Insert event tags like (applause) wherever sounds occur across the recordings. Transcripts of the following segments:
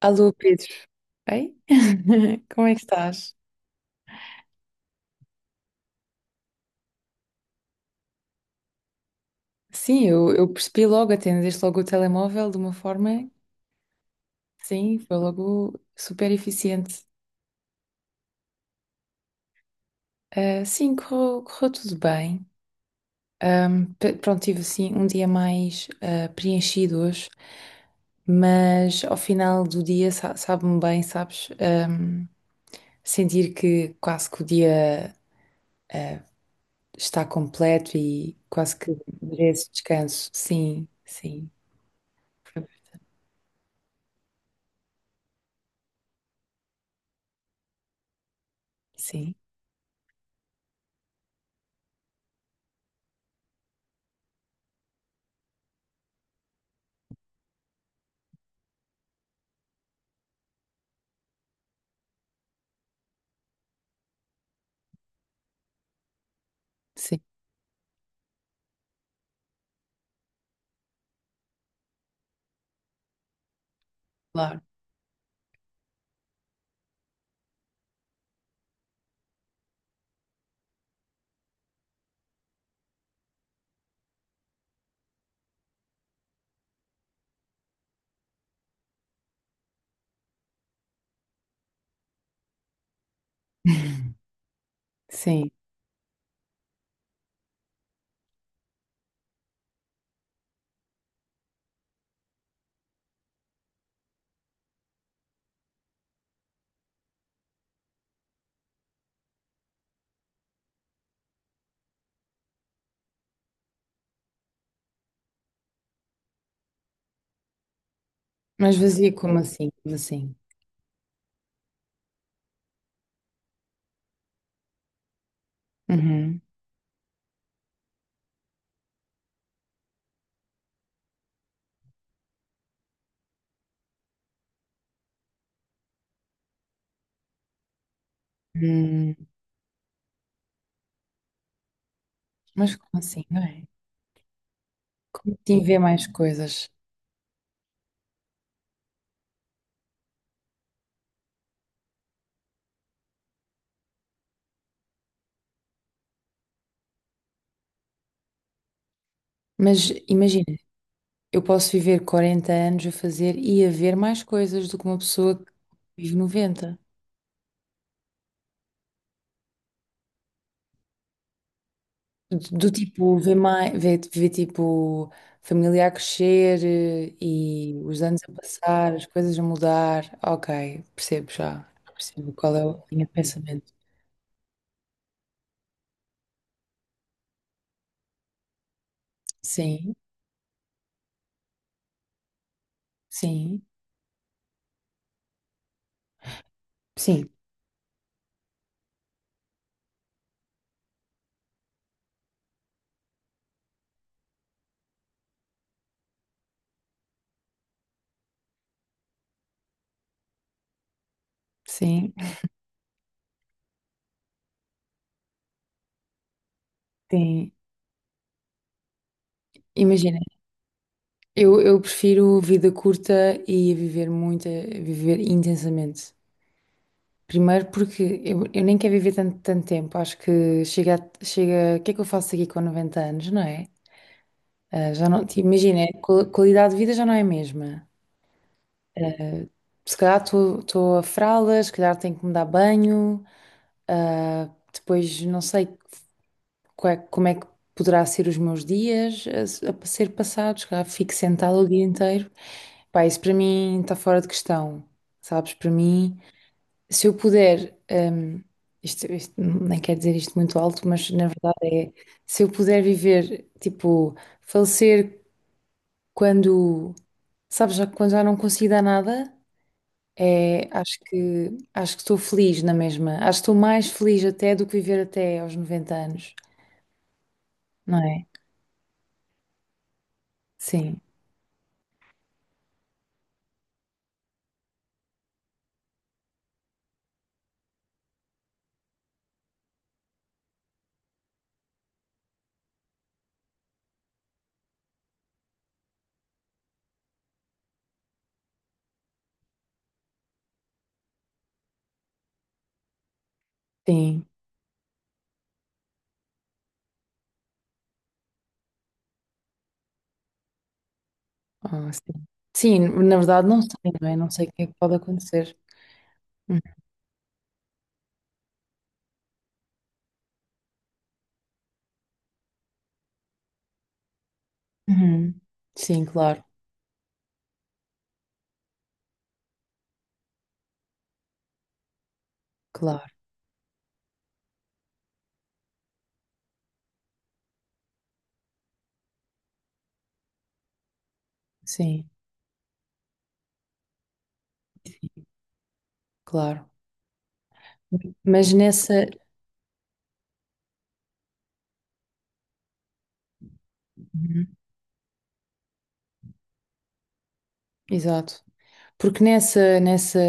Alô, Pedro. Ei? (laughs) Como é que estás? Sim, eu percebi logo, atendeste logo o telemóvel de uma forma, sim, foi logo super eficiente. Ah, sim, correu tudo bem. Pronto, tive assim um dia mais preenchido hoje, mas ao final do dia sabe-me bem, sabes? Sentir que quase que o dia está completo e quase que merece descanso. Sim, sim, sim, sim, claro. Sim. Mas vazio como assim? Como assim? Uhum. Hum, mas como assim? Não é? Como assim, ver mais coisas? Mas imagina, eu posso viver 40 anos a fazer e a ver mais coisas do que uma pessoa que vive 90. Do tipo, ver mais, ver tipo, família a crescer e os anos a passar, as coisas a mudar. Ok, percebo já. Percebo qual é a linha de pensamento. Sim, sim, sim, sim, sim. Imagina. Eu prefiro vida curta e a viver muito, a viver intensamente. Primeiro porque eu nem quero viver tanto, tanto tempo. Acho que chega, chega. O que é que eu faço aqui com 90 anos, não é? Ah, já não, imagina, a qualidade de vida já não é a mesma. Se calhar estou a fraldas, se calhar tenho que me dar banho. Ah, depois, não sei, como é que poderá ser os meus dias a ser passados, cá fico sentada o dia inteiro. Pá, isso para mim está fora de questão, sabes? Para mim, se eu puder, isto nem quero dizer isto muito alto, mas na verdade é, se eu puder viver, tipo, falecer quando, sabes, já, quando já não consigo dar nada, é, acho que estou feliz na mesma, acho que estou mais feliz até do que viver até aos 90 anos, não é? Sim, sim. Ah, sim. Sim, na verdade não sei, não é? Não sei o que é que pode acontecer. Uhum. Sim, claro, claro, sim, claro. Mas nessa. Uhum. Exato. Porque nessa, nessa,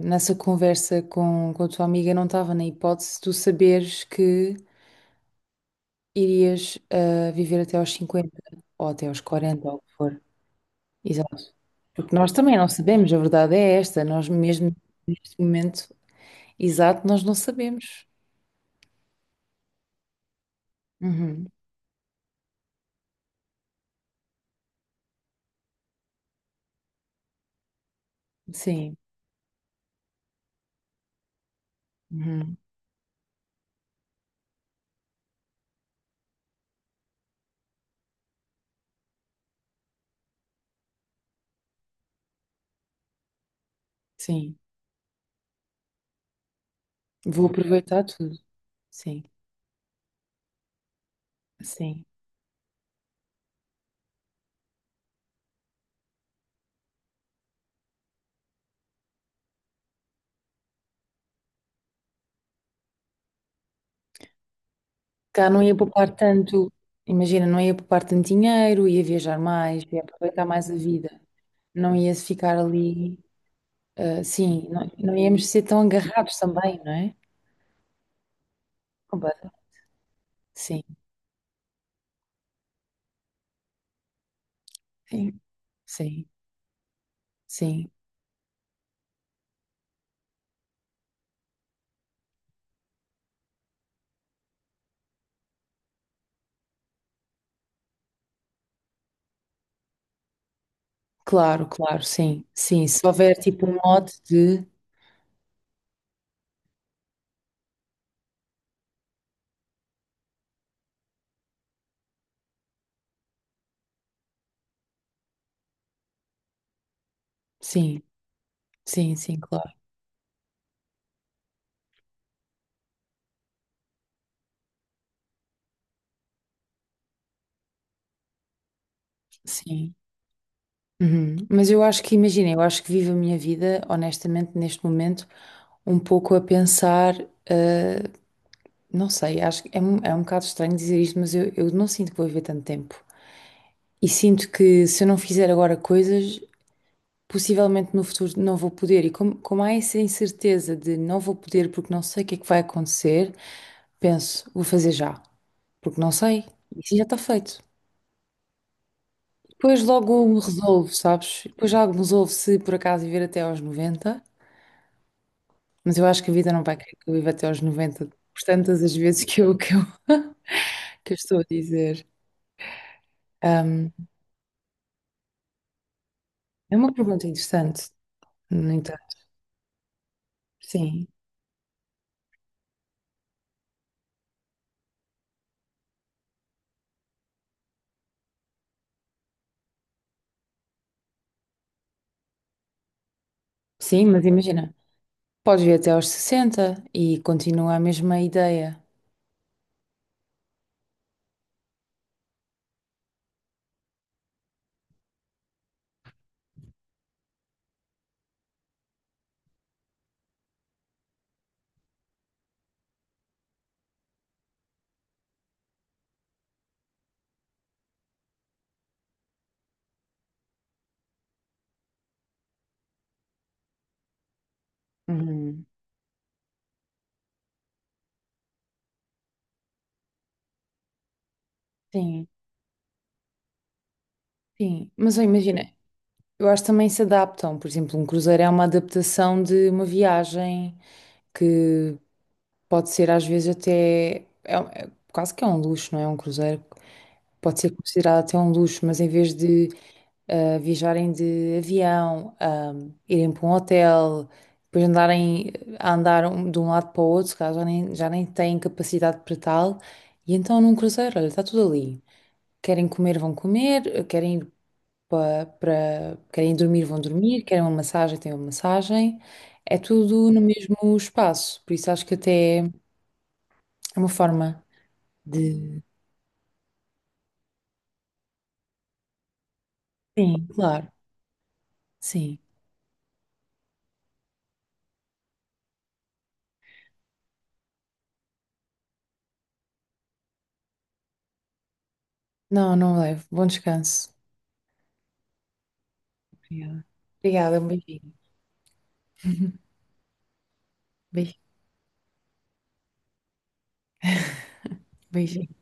nessa conversa com a tua amiga não estava na hipótese de tu saberes que irias viver até aos 50 ou até aos 40 ou o que for. Exato. Porque nós também não sabemos, a verdade é esta, nós mesmo neste momento exato, nós não sabemos. Uhum. Sim, uhum, sim. Vou aproveitar tudo. Sim, sim. Cá não ia poupar tanto, imagina, não ia poupar tanto dinheiro, ia viajar mais, ia aproveitar mais a vida. Não ia ficar ali, sim, não, não íamos ser tão agarrados também, não é? Completa. Sim, sim, sim, sim. Claro, claro, sim, sim. Se houver tipo um mote de. Sim, sim, sim, claro. Sim. Uhum. Mas eu acho que, imagina, eu acho que vivo a minha vida, honestamente, neste momento, um pouco a pensar, eh, não sei, acho que é, é um bocado estranho dizer isto, mas eu não sinto que vou viver tanto tempo. E sinto que se eu não fizer agora coisas, possivelmente no futuro não vou poder. E como há essa incerteza de não vou poder porque não sei o que é que vai acontecer, penso, vou fazer já, porque não sei, isso já está feito. Depois logo me resolvo, sabes? Depois logo me resolvo se por acaso viver até aos 90. Mas eu acho que a vida não vai querer que eu viva até aos 90, por tantas as vezes que eu (laughs) que eu estou a dizer. Ahm, É uma pergunta interessante, no entanto. Sim, sim, mas imagina, podes vir até aos 60 e continua a mesma ideia. Uhum. Sim, sim. Mas eu imagina, eu acho que também se adaptam. Por exemplo, um cruzeiro é uma adaptação de uma viagem que pode ser às vezes até. É, quase que é um luxo, não é? Um cruzeiro pode ser considerado até um luxo, mas em vez de viajarem de avião, irem para um hotel, depois andarem a andar de um lado para o outro, se calhar já nem têm capacidade para tal. E então num cruzeiro, olha, está tudo ali. Querem comer, vão comer, querem ir querem dormir, vão dormir, querem uma massagem, têm uma massagem. É tudo no mesmo espaço, por isso acho que até é uma forma de. Sim, claro, sim. Não, não levo. Bom descanso. Obrigada. Obrigada, um beijinho. Beijo- Beijinho.